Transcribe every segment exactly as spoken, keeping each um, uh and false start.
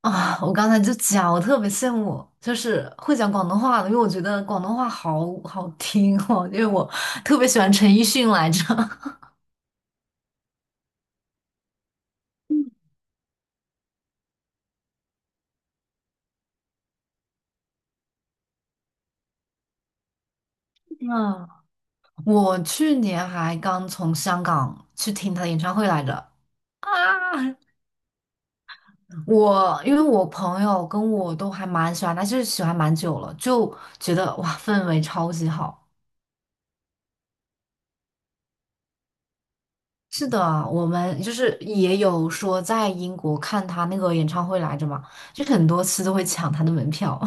啊，我刚才就讲，我特别羡慕，就是会讲广东话的，因为我觉得广东话好好听哦，因为我特别喜欢陈奕迅来着。嗯，我去年还刚从香港去听他的演唱会来着啊！我因为我朋友跟我都还蛮喜欢，他，就是喜欢蛮久了，就觉得哇，氛围超级好。是的，我们就是也有说在英国看他那个演唱会来着嘛，就很多次都会抢他的门票。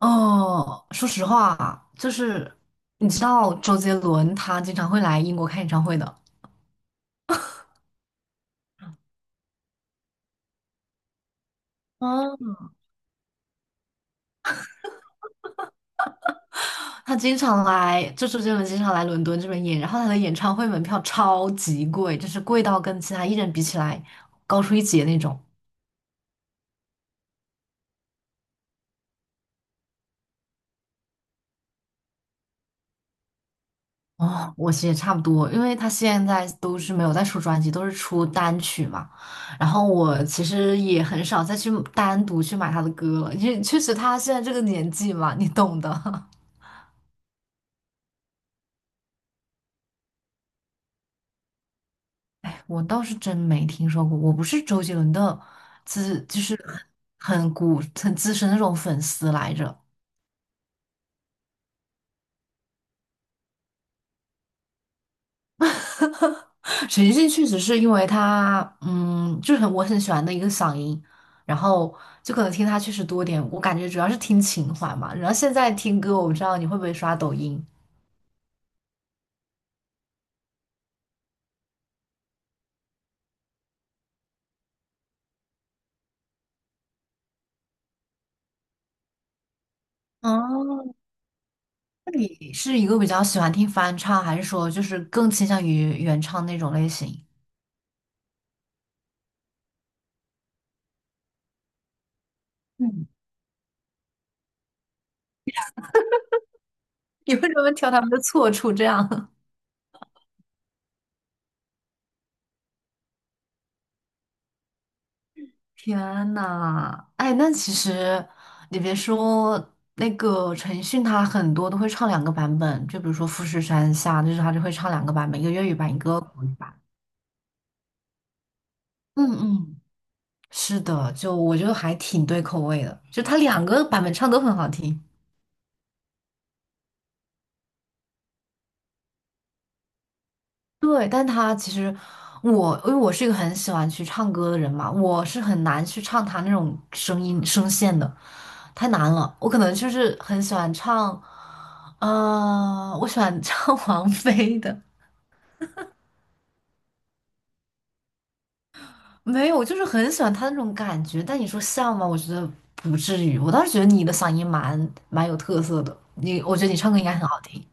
哦，说实话，就是你知道周杰伦他经常会来英国开演唱会的，嗯，他经常来，就周杰伦经常来伦敦这边演，然后他的演唱会门票超级贵，就是贵到跟其他艺人比起来高出一截那种。哦，我其实也差不多，因为他现在都是没有在出专辑，都是出单曲嘛。然后我其实也很少再去单独去买他的歌了，因为确实他现在这个年纪嘛，你懂的。我倒是真没听说过，我不是周杰伦的资，就是很很古很资深的那种粉丝来着。陈奕迅确实是因为他，嗯，就是很我很喜欢的一个嗓音，然后就可能听他确实多点。我感觉主要是听情怀嘛，然后现在听歌，我不知道你会不会刷抖音。哦，那你是一个比较喜欢听翻唱，还是说就是更倾向于原唱那种类型？嗯，你为什么挑他们的错处这样？天呐，哎，那其实你别说，那个陈奕迅，他很多都会唱两个版本，就比如说《富士山下》，就是他就会唱两个版本，一个粤语版，一个国语版。嗯嗯，是的，就我觉得还挺对口味的，就他两个版本唱都很好听。对，但他其实我，因为我是一个很喜欢去唱歌的人嘛，我是很难去唱他那种声音声线的，太难了，我可能就是很喜欢唱，呃，我喜欢唱 王菲的，没有，我就是很喜欢她那种感觉。但你说像吗？我觉得不至于。我倒是觉得你的嗓音蛮蛮有特色的，你我觉得你唱歌应该很好听。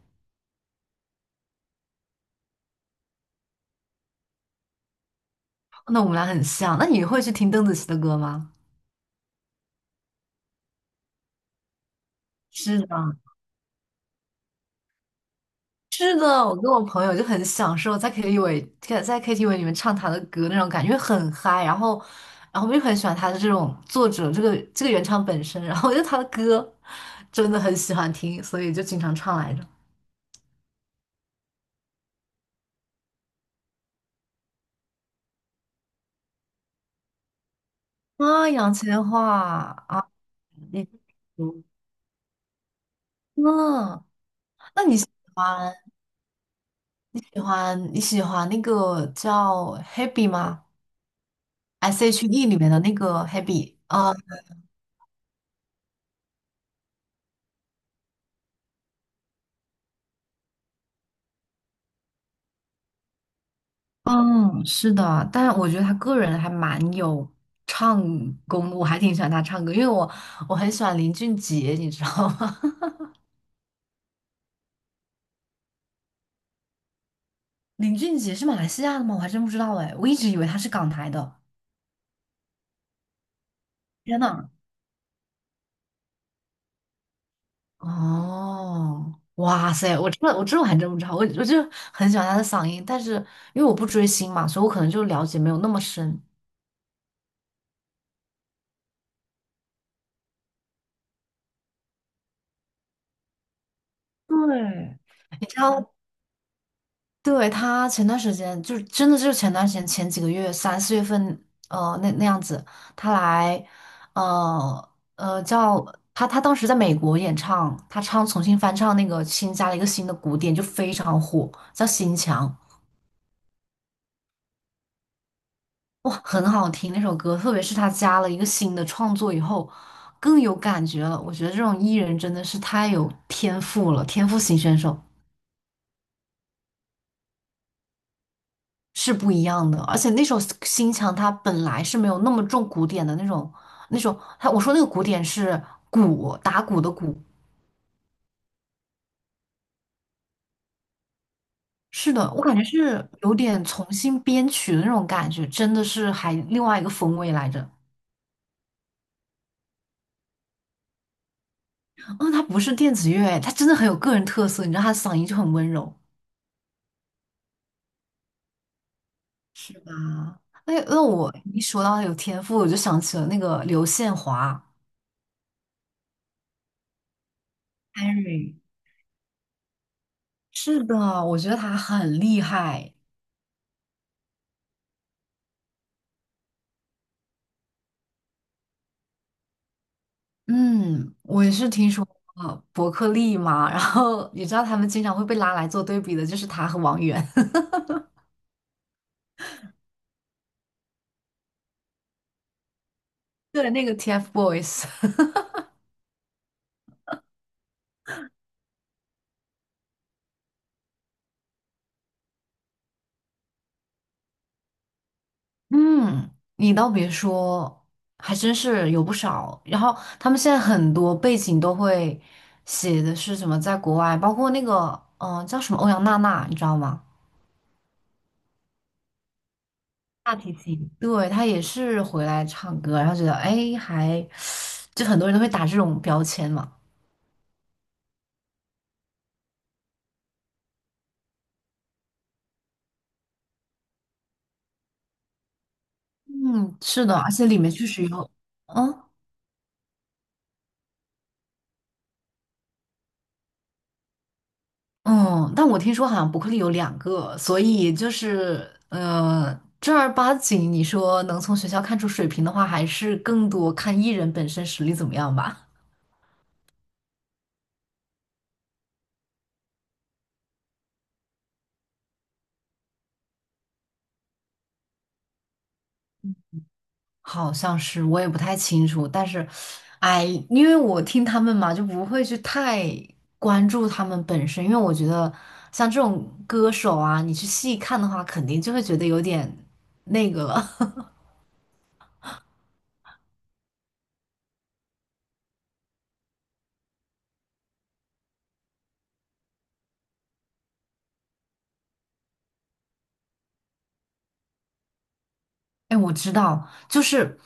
那我们俩很像。那你会去听邓紫棋的歌吗？是的，是的，我跟我朋友就很享受在 K T V 在 K T V 里面唱他的歌那种感觉，因为很嗨。然后，然后我就很喜欢他的这种作者，这个这个原唱本身，然后就他的歌真的很喜欢听，所以就经常唱来着。啊，杨千嬅啊，你嗯，嗯那你喜欢喜欢你喜欢那个叫 Happy 吗？S H E 里面的那个 Happy，呃嗯，是的，但是我觉得他个人还蛮有唱功的，我还挺喜欢他唱歌，因为我我很喜欢林俊杰，你知道吗？林俊杰是马来西亚的吗？我还真不知道哎，我一直以为他是港台的。天呐！哦，哇塞，我这我这我还真不知道，我我就很喜欢他的嗓音，但是因为我不追星嘛，所以我可能就了解没有那么深。对，你知道对，他前段时间就是真的就是前段时间前几个月三四月份，呃，那那样子，他来，呃呃，叫他他当时在美国演唱，他唱重新翻唱那个新加了一个新的鼓点，就非常火，叫《心墙》，哇，很好听那首歌，特别是他加了一个新的创作以后，更有感觉了。我觉得这种艺人真的是太有天赋了，天赋型选手。是不一样的，而且那首新墙它本来是没有那么重古典的那种，那种，它我说那个古典是鼓打鼓的鼓，是的，我感觉是有点重新编曲的那种感觉，真的是还另外一个风味来着。嗯，他不是电子乐，他真的很有个人特色，你知道他嗓音就很温柔，是吧？那那我一说到有天赋，我就想起了那个刘宪华，Henry，是的，我觉得他很厉害。嗯，我也是听说过伯克利嘛，然后你知道他们经常会被拉来做对比的，就是他和王源，对，那个 T F boys。嗯，你倒别说，还真是有不少。然后他们现在很多背景都会写的是什么在国外，包括那个嗯、呃叫什么欧阳娜娜，你知道吗？大提琴，对，她也是回来唱歌，然后觉得哎，还就很多人都会打这种标签嘛。嗯，是的，而且里面确实有。嗯。嗯，但我听说好像伯克利有两个，所以就是呃，正儿八经你说能从学校看出水平的话，还是更多看艺人本身实力怎么样吧。好像是，我也不太清楚，但是，哎，因为我听他们嘛，就不会去太关注他们本身，因为我觉得像这种歌手啊，你去细看的话，肯定就会觉得有点那个了。哎，我知道，就是，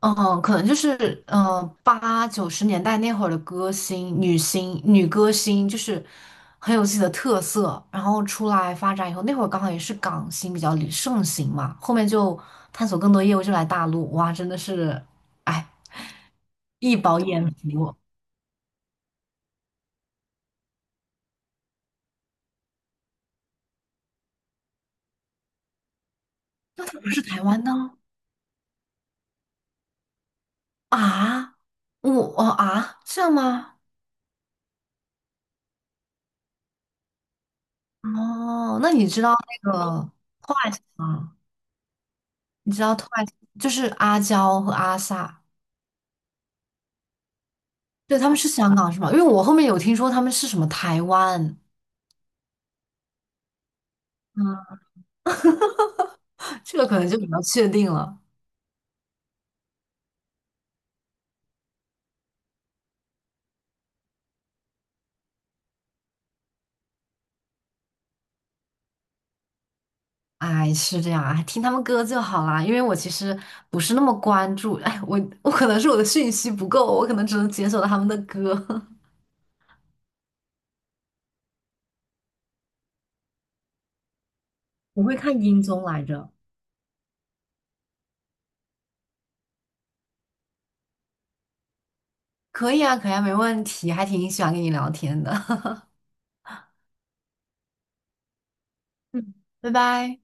嗯、可能就是，嗯，八九十年代那会儿的歌星、女星、女歌星，就是很有自己的特色，然后出来发展以后，那会儿刚好也是港星比较流盛行嘛，后面就探索更多业务，就来大陆，哇，真的是，哎，一饱眼福。那他不是台湾的啊？我哦啊，这样吗？哦，那你知道那个 Twice 吗？你知道 Twice 就是阿娇和阿 sa。对，他们是香港是吧？因为我后面有听说他们是什么台湾，嗯，这个可能就比较确定了。哎，是这样，啊，听他们歌就好啦。因为我其实不是那么关注，哎，我我可能是我的讯息不够，我可能只能解锁到他们的歌。我会看音综来着。可以啊，可以啊，没问题，还挺喜欢跟你聊天的。嗯，拜拜。